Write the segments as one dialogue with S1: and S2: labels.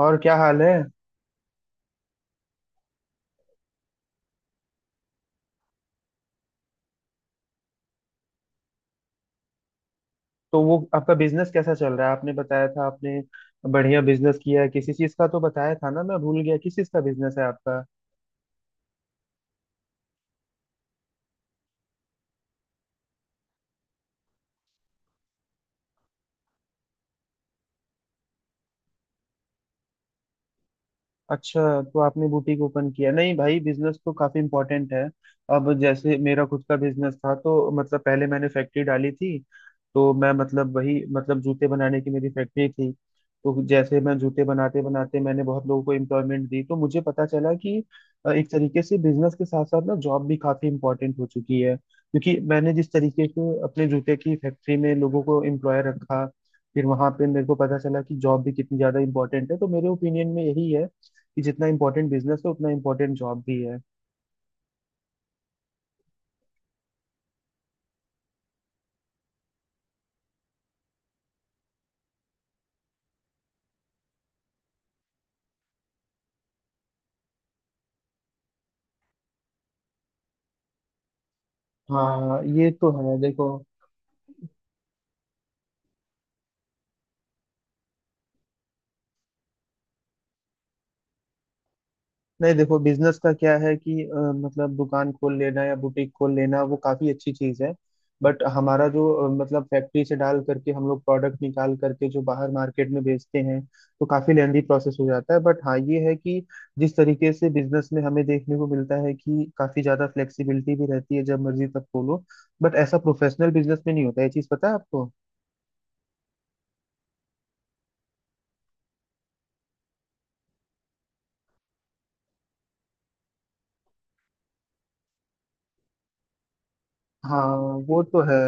S1: और क्या हाल है? तो वो आपका बिजनेस कैसा चल रहा है, आपने बताया था। आपने बढ़िया बिजनेस किया है किसी चीज का, तो बताया था ना, मैं भूल गया किस चीज का बिजनेस है आपका। अच्छा, तो आपने बुटीक ओपन किया। नहीं भाई, बिजनेस तो काफी इम्पोर्टेंट है। अब जैसे मेरा खुद का बिजनेस था, तो मतलब पहले मैंने फैक्ट्री डाली थी। तो मैं मतलब वही मतलब जूते बनाने की मेरी फैक्ट्री थी। तो जैसे मैं जूते बनाते बनाते मैंने बहुत लोगों को एम्प्लॉयमेंट दी, तो मुझे पता चला कि एक तरीके से बिजनेस के साथ साथ ना जॉब भी काफी इम्पोर्टेंट हो चुकी है, क्योंकि मैंने जिस तरीके से अपने जूते की फैक्ट्री में लोगों को एम्प्लॉय रखा, फिर वहां पे मेरे को पता चला कि जॉब भी कितनी ज्यादा इम्पोर्टेंट है। तो मेरे ओपिनियन में यही है कि जितना इम्पोर्टेंट बिजनेस है उतना इम्पोर्टेंट जॉब भी है। हाँ ये तो है, देखो। नहीं, देखो, बिजनेस का क्या है कि मतलब दुकान खोल लेना या बुटीक खोल लेना वो काफी अच्छी चीज है। बट हमारा जो मतलब फैक्ट्री से डाल करके हम लोग प्रोडक्ट निकाल करके जो बाहर मार्केट में बेचते हैं, तो काफी लेंदी प्रोसेस हो जाता है। बट हाँ ये है कि जिस तरीके से बिजनेस में हमें देखने को मिलता है कि काफी ज्यादा फ्लेक्सिबिलिटी भी रहती है, जब मर्जी तब खोलो। बट ऐसा प्रोफेशनल बिजनेस में नहीं होता, ये चीज पता है आपको। हाँ, वो तो है।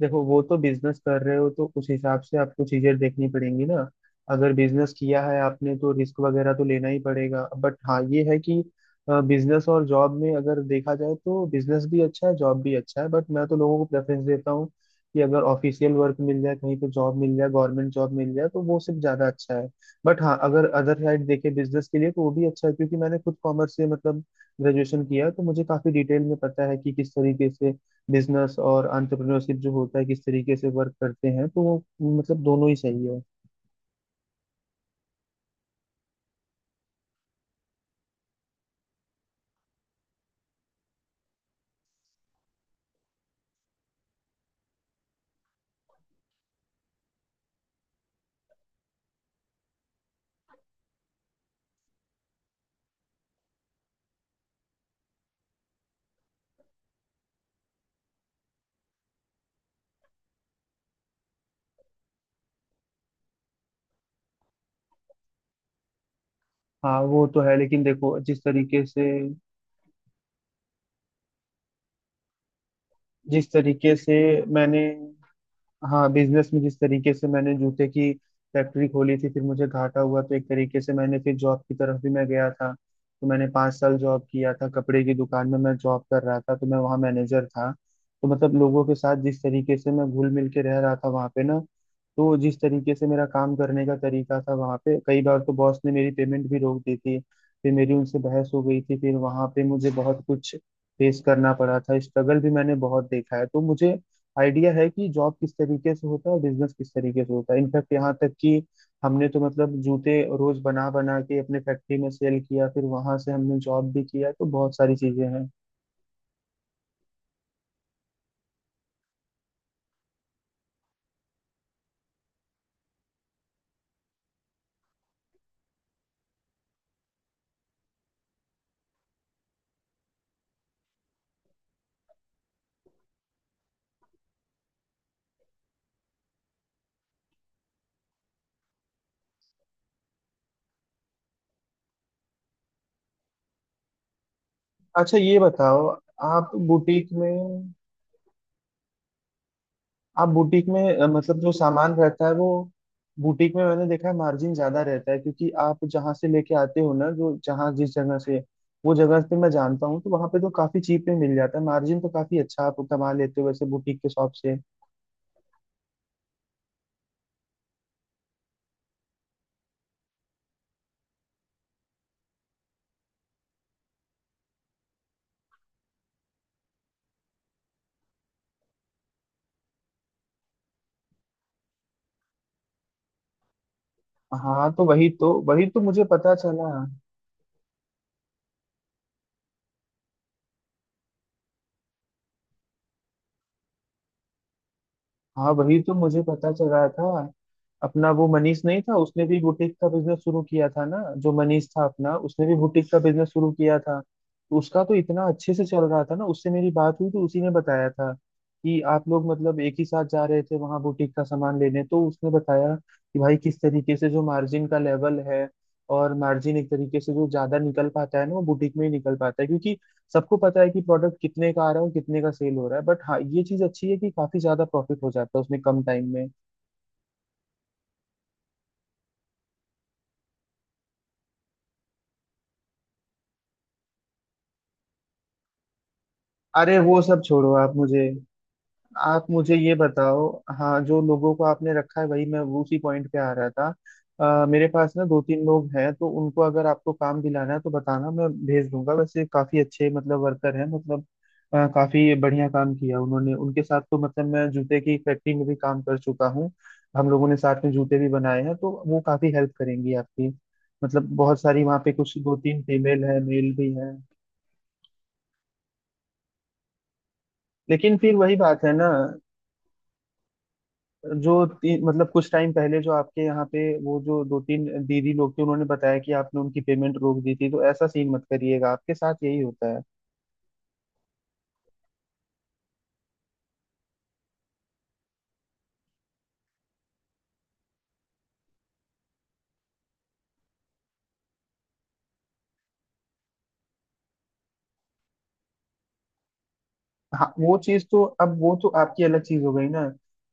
S1: देखो, वो तो बिजनेस कर रहे हो तो उस हिसाब से आपको चीजें देखनी पड़ेंगी ना। अगर बिजनेस किया है आपने तो रिस्क वगैरह तो लेना ही पड़ेगा। बट हाँ ये है कि बिजनेस और जॉब में अगर देखा जाए तो बिजनेस भी अच्छा है जॉब भी अच्छा है, बट मैं तो लोगों को प्रेफरेंस देता हूँ कि अगर ऑफिशियल वर्क मिल जाए, कहीं पे जॉब मिल जाए, गवर्नमेंट जॉब मिल जाए, तो वो सिर्फ ज्यादा अच्छा है। बट हाँ, अगर अदर साइड देखे बिजनेस के लिए, तो वो भी अच्छा है, क्योंकि मैंने खुद कॉमर्स से मतलब ग्रेजुएशन किया है, तो मुझे काफी डिटेल में पता है कि किस तरीके से बिजनेस और entrepreneurship जो होता है किस तरीके से वर्क करते हैं, तो वो मतलब दोनों ही सही है। हाँ वो तो है, लेकिन देखो, जिस तरीके से मैंने हाँ, बिजनेस में जिस तरीके से मैंने जूते की फैक्ट्री खोली थी, फिर मुझे घाटा हुआ, तो एक तरीके से मैंने फिर जॉब की तरफ भी मैं गया था। तो मैंने 5 साल जॉब किया था, कपड़े की दुकान में मैं जॉब कर रहा था, तो मैं वहाँ मैनेजर था। तो मतलब लोगों के साथ जिस तरीके से मैं घुल मिल के रह रहा था वहाँ पे ना। तो जिस तरीके से मेरा काम करने का तरीका था, वहाँ पे कई बार तो बॉस ने मेरी पेमेंट भी रोक दी थी, फिर मेरी उनसे बहस हो गई थी। फिर वहाँ पे मुझे बहुत कुछ फेस करना पड़ा था, स्ट्रगल भी मैंने बहुत देखा है। तो मुझे आइडिया है कि जॉब किस तरीके से होता है और बिजनेस किस तरीके से होता है। इनफैक्ट यहाँ तक कि हमने तो मतलब जूते रोज बना बना के अपने फैक्ट्री में सेल किया, फिर वहां से हमने जॉब भी किया, तो बहुत सारी चीजें हैं। अच्छा ये बताओ, आप बुटीक में आप बुटीक में मतलब जो सामान रहता है वो, बुटीक में मैंने देखा है मार्जिन ज्यादा रहता है, क्योंकि आप जहाँ से लेके आते हो ना, जो जहाँ जिस जगह से वो जगह पे मैं जानता हूँ, तो वहां पे तो काफी चीप में मिल जाता है। मार्जिन तो काफी अच्छा आप कमा लेते हो वैसे बुटीक के शॉप से। हाँ, तो वही तो मुझे पता चला। हाँ वही तो मुझे पता चला था। अपना वो मनीष नहीं था उसने भी बुटीक का बिजनेस शुरू किया था ना, जो मनीष था अपना उसने भी बुटीक का बिजनेस शुरू किया था, तो उसका तो इतना अच्छे से चल रहा था ना, उससे मेरी बात हुई तो उसी ने बताया था कि आप लोग मतलब एक ही साथ जा रहे थे वहां बुटीक का सामान लेने, तो उसने बताया कि भाई किस तरीके से जो मार्जिन का लेवल है, और मार्जिन एक तरीके से जो ज्यादा निकल पाता है ना वो बुटीक में ही निकल पाता है, क्योंकि सबको पता है कि प्रोडक्ट कितने का आ रहा है और कितने का सेल हो रहा है। बट हाँ ये चीज अच्छी है कि काफी ज्यादा प्रॉफिट हो जाता है उसमें कम टाइम में। अरे वो सब छोड़ो, आप मुझे ये बताओ। हाँ, जो लोगों को आपने रखा है, वही मैं, वो उसी पॉइंट पे आ रहा था। मेरे पास ना दो तीन लोग हैं, तो उनको अगर आपको काम दिलाना है तो बताना, मैं भेज दूंगा। वैसे काफी अच्छे मतलब वर्कर हैं, मतलब काफी बढ़िया काम किया उन्होंने। उनके साथ तो मतलब मैं जूते की फैक्ट्री में भी काम कर चुका हूँ, हम लोगों ने साथ में जूते भी बनाए हैं, तो वो काफी हेल्प करेंगी आपकी। मतलब बहुत सारी वहाँ पे, कुछ दो तीन फीमेल है, मेल भी है। लेकिन फिर वही बात है ना, जो तीन मतलब कुछ टाइम पहले जो आपके यहाँ पे वो जो दो तीन दीदी लोग थे उन्होंने बताया कि आपने उनकी पेमेंट रोक दी थी, तो ऐसा सीन मत करिएगा, आपके साथ यही होता है। हाँ वो चीज तो, अब वो तो आपकी अलग चीज हो गई ना।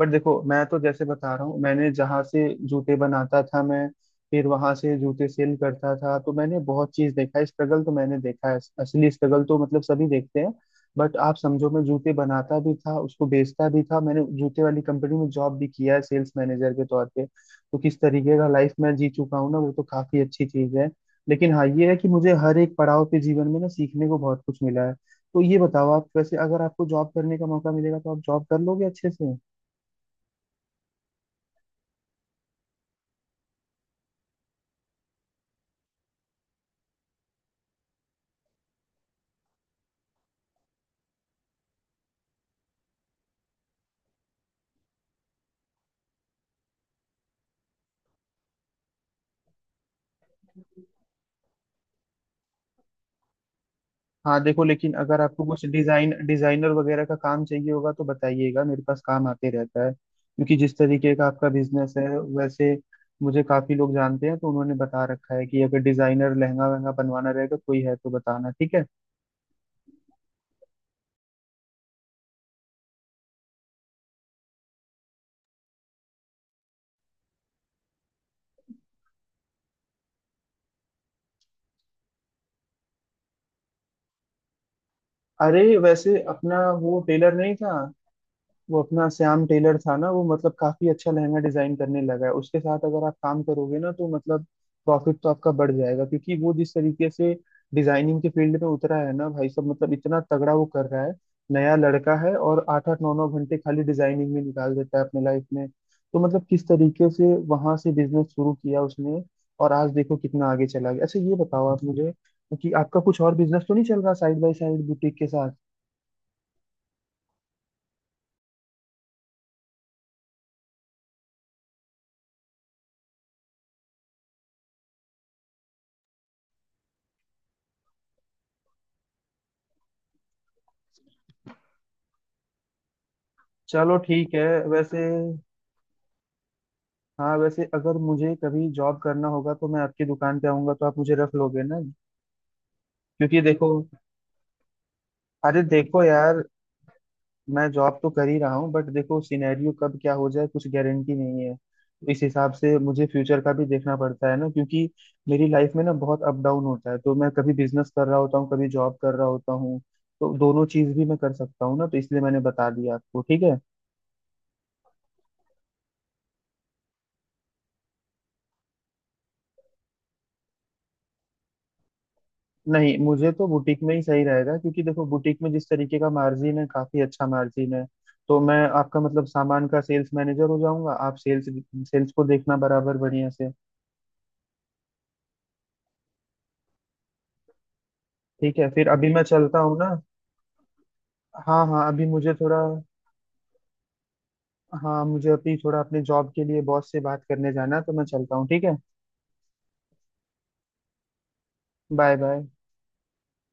S1: बट देखो मैं तो जैसे बता रहा हूँ, मैंने जहाँ से जूते बनाता था मैं, फिर वहां से जूते सेल करता था, तो मैंने बहुत चीज देखा है। स्ट्रगल तो मैंने देखा है, असली स्ट्रगल तो मतलब सभी देखते हैं। बट आप समझो, मैं जूते बनाता भी था उसको बेचता भी था, मैंने जूते वाली कंपनी में जॉब भी किया है सेल्स मैनेजर के तौर पे, तो किस तरीके का लाइफ मैं जी चुका हूँ ना, वो तो काफी अच्छी चीज है। लेकिन हाँ ये है कि मुझे हर एक पड़ाव पे जीवन में ना सीखने को बहुत कुछ मिला है। तो ये बताओ आप, वैसे अगर आपको जॉब करने का मौका मिलेगा तो आप जॉब कर लोगे अच्छे से? हाँ देखो, लेकिन अगर आपको कुछ डिजाइन डिजाइनर वगैरह का काम चाहिए होगा तो बताइएगा, मेरे पास काम आते रहता है, क्योंकि जिस तरीके का आपका बिजनेस है, वैसे मुझे काफी लोग जानते हैं, तो उन्होंने बता रखा है कि अगर डिजाइनर लहंगा वहंगा बनवाना रहेगा कोई है तो बताना, ठीक है। अरे वैसे अपना वो टेलर नहीं था, वो अपना श्याम टेलर था ना, वो मतलब काफी अच्छा लहंगा डिजाइन करने लगा है, उसके साथ अगर आप काम करोगे ना तो मतलब प्रॉफिट तो आपका बढ़ जाएगा, क्योंकि वो जिस तरीके से डिजाइनिंग के फील्ड में उतरा है ना भाई, सब मतलब इतना तगड़ा वो कर रहा है। नया लड़का है, और 8-8, 9-9 घंटे खाली डिजाइनिंग में निकाल देता है अपने लाइफ में, तो मतलब किस तरीके से वहां से बिजनेस शुरू किया उसने, और आज देखो कितना आगे चला गया। अच्छा ये बताओ आप मुझे कि आपका कुछ और बिजनेस तो नहीं चल रहा साइड बाय साइड बुटीक के साथ? चलो ठीक है वैसे। हाँ वैसे अगर मुझे कभी जॉब करना होगा तो मैं आपकी दुकान पे आऊंगा, तो आप मुझे रख लोगे ना? क्योंकि देखो, अरे देखो यार, मैं जॉब तो कर ही रहा हूँ बट देखो सिनेरियो कब क्या हो जाए कुछ गारंटी नहीं है, तो इस हिसाब से मुझे फ्यूचर का भी देखना पड़ता है ना, क्योंकि मेरी लाइफ में ना बहुत अप डाउन होता है, तो मैं कभी बिजनेस कर रहा होता हूँ कभी जॉब कर रहा होता हूँ, तो दोनों चीज भी मैं कर सकता हूँ ना, तो इसलिए मैंने बता दिया आपको, ठीक है। नहीं मुझे तो बुटीक में ही सही रहेगा, क्योंकि देखो बुटीक में जिस तरीके का मार्जिन है काफी अच्छा मार्जिन है। तो मैं आपका मतलब सामान का सेल्स मैनेजर हो जाऊंगा, आप सेल्स सेल्स को देखना बराबर बढ़िया से। ठीक है, फिर अभी मैं चलता हूँ ना। हाँ हाँ, अभी मुझे थोड़ा हाँ मुझे अभी थोड़ा अपने जॉब के लिए बॉस से बात करने जाना है, तो मैं चलता हूँ, ठीक है। Bye bye.